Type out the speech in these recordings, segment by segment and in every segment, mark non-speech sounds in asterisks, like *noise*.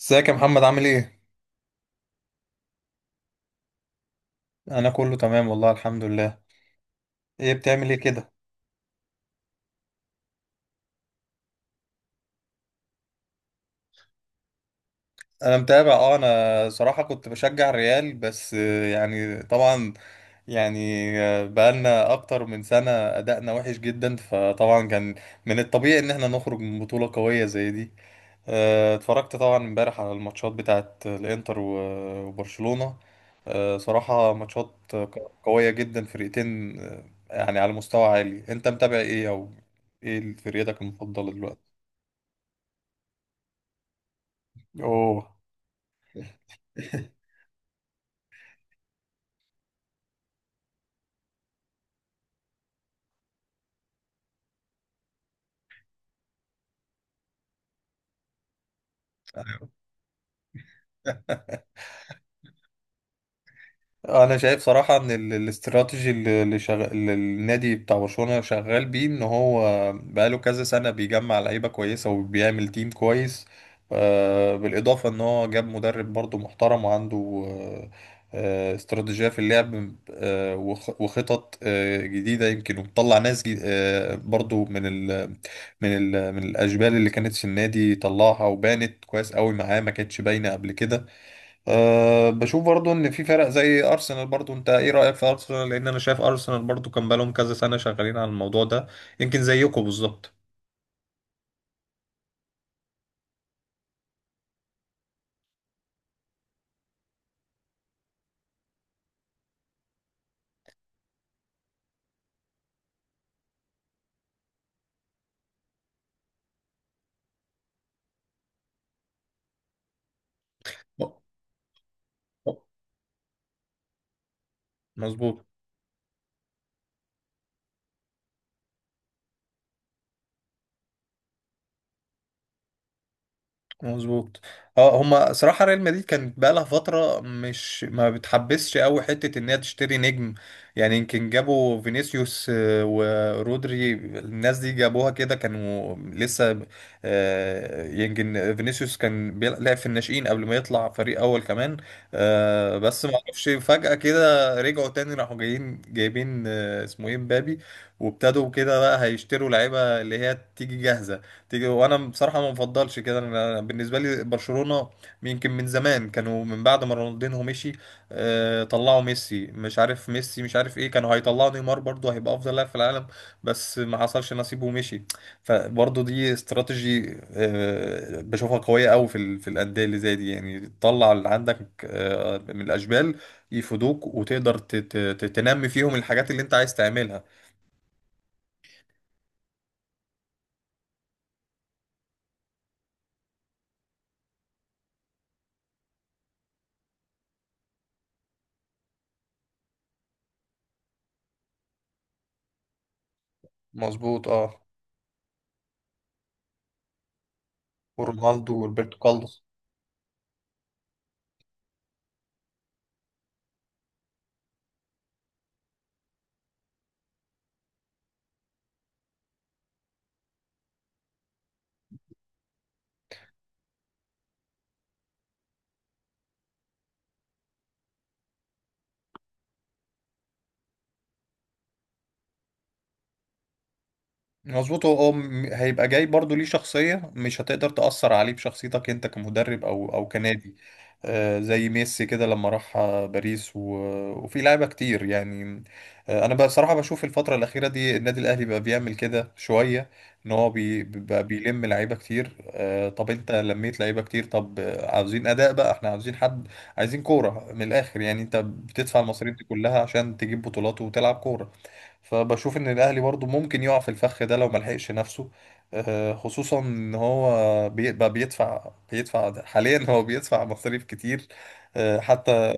ازيك يا محمد، عامل ايه؟ انا كله تمام والله، الحمد لله. ايه بتعمل ايه كده؟ انا متابع، انا صراحة كنت بشجع الريال، بس طبعا. يعني بقالنا اكتر من سنة ادائنا وحش جدا، فطبعا كان من الطبيعي ان احنا نخرج من بطولة قوية زي دي. اتفرجت طبعا امبارح على الماتشات بتاعت الانتر و- وبرشلونة. صراحة ماتشات قوية جدا، فرقتين يعني على مستوى عالي. انت متابع ايه، او ايه فرقتك المفضلة دلوقتي؟ اوه. انا شايف صراحه ان الاستراتيجي اللي النادي بتاع برشلونه شغال بيه، ان هو بقاله كذا سنه بيجمع لعيبه كويسه وبيعمل تيم كويس. بالاضافه ان هو جاب مدرب برضو محترم، وعنده آه، استراتيجيه في اللعب، وخطط جديده يمكن، وطلع ناس برضو من الاشبال اللي كانت في النادي طلعها، وبانت كويس قوي معاه، ما كانتش باينه قبل كده. بشوف برضو ان في فرق زي ارسنال. برضو انت ايه رايك في ارسنال؟ لان انا شايف ارسنال برضو كان بقالهم كذا سنه شغالين على الموضوع ده، يمكن زيكم بالظبط. مظبوط، مظبوط. اه، هما صراحة ريال مدريد كانت بقالها فترة مش ما بتحبسش قوي حتة ان هي تشتري نجم، يعني. يمكن جابوا فينيسيوس ورودري، الناس دي جابوها كده، كانوا لسه يمكن فينيسيوس كان لعب في الناشئين قبل ما يطلع فريق اول كمان. بس ما اعرفش، فجأة كده رجعوا تاني، راحوا جايين جايبين اسمه ايه، مبابي، وابتدوا كده بقى هيشتروا لعيبة اللي هي تيجي جاهزة. تيجي. وانا بصراحه ما بفضلش كده. أنا بالنسبه لي برشلونه يمكن من زمان، كانوا من بعد ما رونالدينو مشي طلعوا ميسي، مش عارف ميسي مش عارف ايه. كانوا هيطلعوا نيمار برضه، هيبقى افضل لاعب في العالم، بس ما حصلش نصيبه ومشي. فبرضه دي استراتيجي بشوفها قويه قوي في الانديه اللي زي دي. يعني تطلع اللي عندك من الاشبال يفيدوك، وتقدر تنمي فيهم الحاجات اللي انت عايز تعملها. مظبوط، اه. ورونالدو وروبرتو كارلوس. مظبوط. هو هيبقى جاي برضو ليه شخصية، مش هتقدر تأثر عليه بشخصيتك انت، كمدرب او كنادي. زي ميسي كده لما راح باريس، و... وفي لعيبة كتير يعني. انا بصراحة بشوف الفترة الأخيرة دي النادي الأهلي بقى بيعمل كده شوية، ان هو بقى بيلم لعيبة كتير. طب انت لميت لعيبة كتير، طب عاوزين أداء بقى، احنا عاوزين حد، عايزين كورة من الآخر. يعني انت بتدفع المصاريف دي كلها عشان تجيب بطولات وتلعب كورة. فبشوف ان الاهلي برضو ممكن يقع في الفخ ده لو ملحقش نفسه، خصوصا ان هو بقى بيدفع ده حاليا. *laughs* هو بيدفع مصاريف كتير حتى.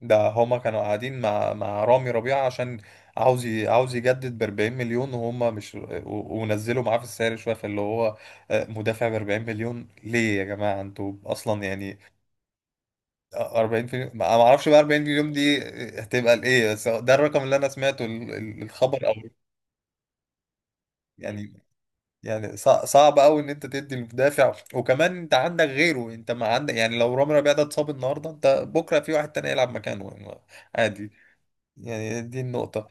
ده هما كانوا قاعدين مع رامي ربيعة، عشان عاوز يجدد ب 40 مليون، وهم مش ونزلوا معاه في السعر شويه. فاللي هو مدافع ب 40 مليون ليه يا جماعه؟ انتوا اصلا يعني. 40 مليون ما اعرفش بقى، 40 مليون دي هتبقى لايه، بس ده الرقم اللي انا سمعته، الخبر او. يعني صعب قوي ان انت تدي المدافع، وكمان انت عندك غيره، انت ما عندك. يعني لو رامي ربيعه ده اتصاب النهارده، انت بكره في واحد تاني يلعب مكانه يعني، عادي. يعني دي النقطه.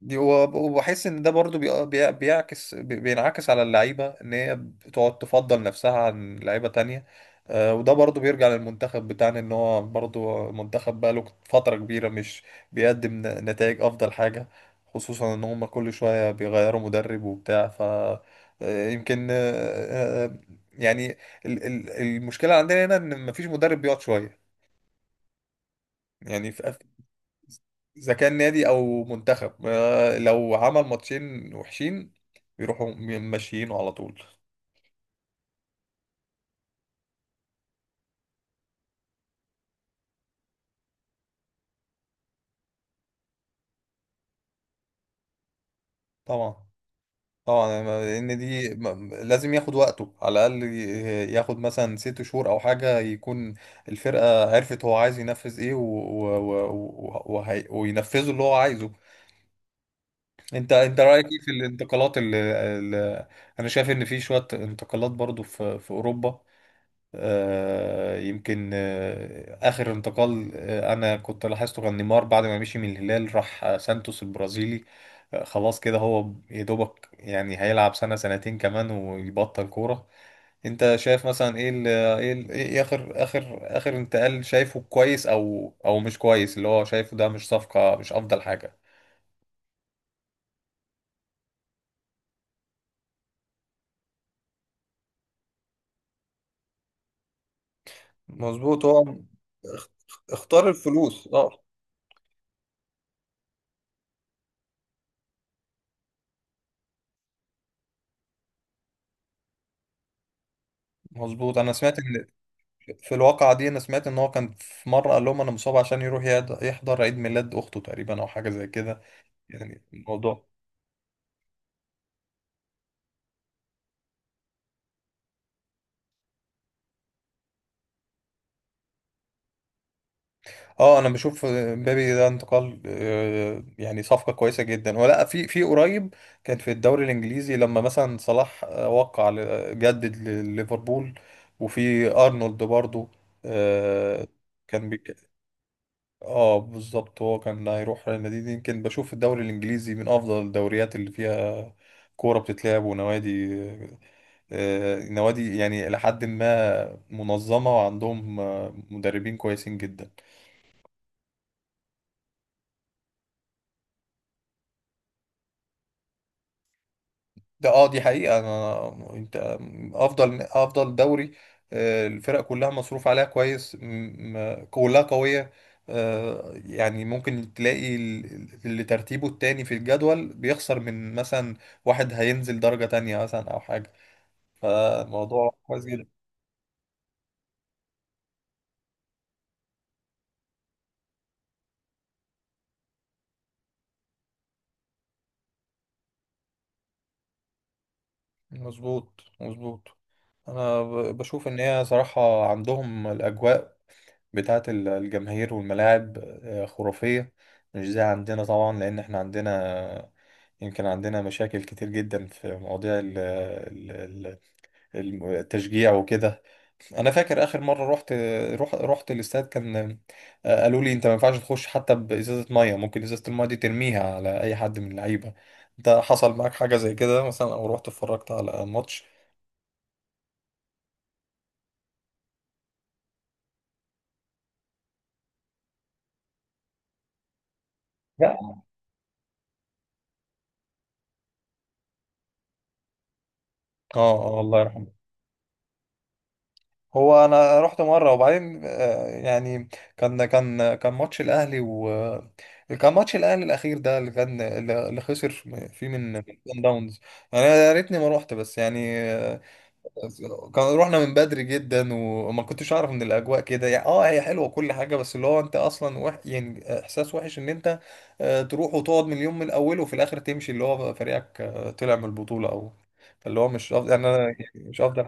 دي، وبحس ان ده برضو بينعكس على اللعيبه، ان هي بتقعد تفضل نفسها عن لعيبه تانية. وده برضو بيرجع للمنتخب بتاعنا، ان هو برضو منتخب بقاله فتره كبيره مش بيقدم نتائج افضل حاجه. خصوصا ان هم كل شويه بيغيروا مدرب وبتاع. ف آه، يمكن آه، آه، يعني ال- ال- المشكله عندنا هنا ان مفيش مدرب بيقعد شويه، يعني. اذا كان نادي او منتخب، لو عمل ماتشين وحشين، بيروحوا ماشيينه على طول. طبعا، طبعا. لان دي لازم ياخد وقته، على الاقل ياخد مثلا ست شهور او حاجه، يكون الفرقه عرفت هو عايز ينفذ ايه، وينفذوا اللي هو عايزه. انت رايك ايه في الانتقالات اللي... انا شايف ان في شويه انتقالات برضو في اوروبا. آه، يمكن آه، آخر انتقال أنا كنت لاحظته كان نيمار، بعد ما مشي من الهلال راح سانتوس البرازيلي. خلاص كده، هو يا دوبك يعني هيلعب سنة سنتين كمان ويبطل كورة. أنت شايف مثلا إيه، ال إيه, ال إيه آخر آخر آخر انتقال شايفه كويس أو مش كويس؟ اللي هو شايفه ده مش صفقة، مش أفضل حاجة. مظبوط. هو اخ- اختار الفلوس، اه. مظبوط. أنا سمعت إن في الواقعة دي أنا سمعت إن هو كان في مرة قال لهم أنا مصاب، عشان يروح يحضر عيد ميلاد أخته تقريبا، أو حاجة زي كده. يعني الموضوع. أنا بشوف مبابي ده انتقال يعني صفقة كويسة جدا، ولا في قريب كان في الدوري الإنجليزي لما مثلا صلاح جدد لليفربول، وفي أرنولد برضو آه، كان بي... اه بالظبط، هو كان هيروح ريال مدريد. يمكن بشوف الدوري الانجليزي من افضل الدوريات اللي فيها كورة بتتلعب ونوادي آه، نوادي، يعني لحد ما منظمة، وعندهم مدربين كويسين جدا. ده اه، دي حقيقة. انا انت افضل، افضل دوري. الفرق كلها مصروف عليها كويس، كلها قوية. يعني ممكن تلاقي اللي ترتيبه التاني في الجدول بيخسر من مثلا واحد هينزل درجة تانية مثلا، او حاجة. فالموضوع كويس جدا. مظبوط، مظبوط. انا بشوف ان هي صراحة عندهم الاجواء بتاعة الجماهير والملاعب خرافية، مش زي عندنا طبعا. لأن احنا عندنا يمكن عندنا مشاكل كتير جدا في مواضيع التشجيع وكده. أنا فاكر آخر مرة رحت الاستاد، كان قالوا لي أنت ما ينفعش تخش حتى بإزازة مية، ممكن إزازة المية دي ترميها على أي حد من اللعيبة. أنت حصل معاك حاجة زي كده مثلا، أو رحت اتفرجت على ماتش؟ لا. اه، اه، الله يرحمه. هو انا رحت مره، وبعدين كان ماتش الاهلي، و كان ماتش الاهلي الاخير ده اللي كان، اللي خسر فيه من صن داونز. يعني يا ريتني ما روحت، بس كان رحنا من بدري جدا، وما كنتش اعرف ان الاجواء كده. يعني اه، هي حلوه كل حاجه، بس اللي هو انت اصلا وح... يعني احساس وحش، ان انت تروح وتقعد من اليوم من اوله، وفي الاخر تمشي اللي هو فريقك طلع من البطوله، او اللي هو مش افضل يعني. انا يعني مش افضل.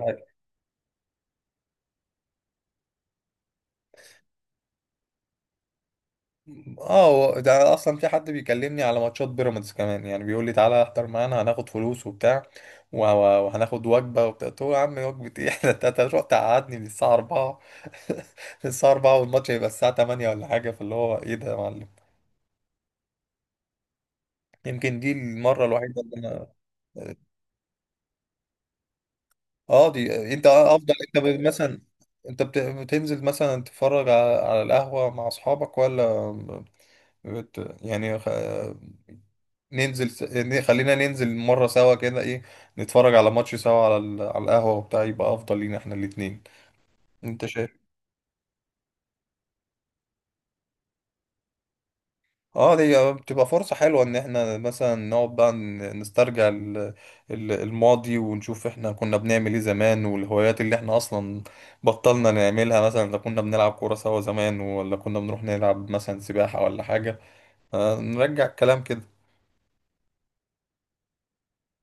اه، هو ده اصلا. في حد بيكلمني على ماتشات بيراميدز كمان يعني، بيقول لي تعالى احضر معانا، هناخد فلوس وبتاع و- و- وهناخد وجبه وبتاع. قلت له يا عم، وجبه ايه؟ *laughs* ده انت أنت هتروح تقعدني من الساعه 4، *laughs* الساعه 4 والماتش هيبقى الساعه 8 ولا حاجه. فاللي هو ايه ده يا معلم؟ يمكن دي المره الوحيده اللي انا دي. انت افضل، انت بتنزل مثلا تتفرج على القهوه مع اصحابك، ولا بت... يعني ننزل س... ن- خلينا ننزل مرة سوا كده، ايه. نتفرج على ماتش سوا على على القهوة وبتاع، يبقى افضل لينا احنا الاتنين. انت شايف؟ اه، دي بتبقى فرصة حلوة ان احنا مثلا نقعد بقى نسترجع الماضي، ونشوف احنا كنا بنعمل ايه زمان، والهوايات اللي احنا اصلا بطلنا نعملها، مثلا لو كنا بنلعب كورة سوا زمان، ولا كنا بنروح نلعب مثلا سباحة ولا حاجة. نرجع الكلام كده.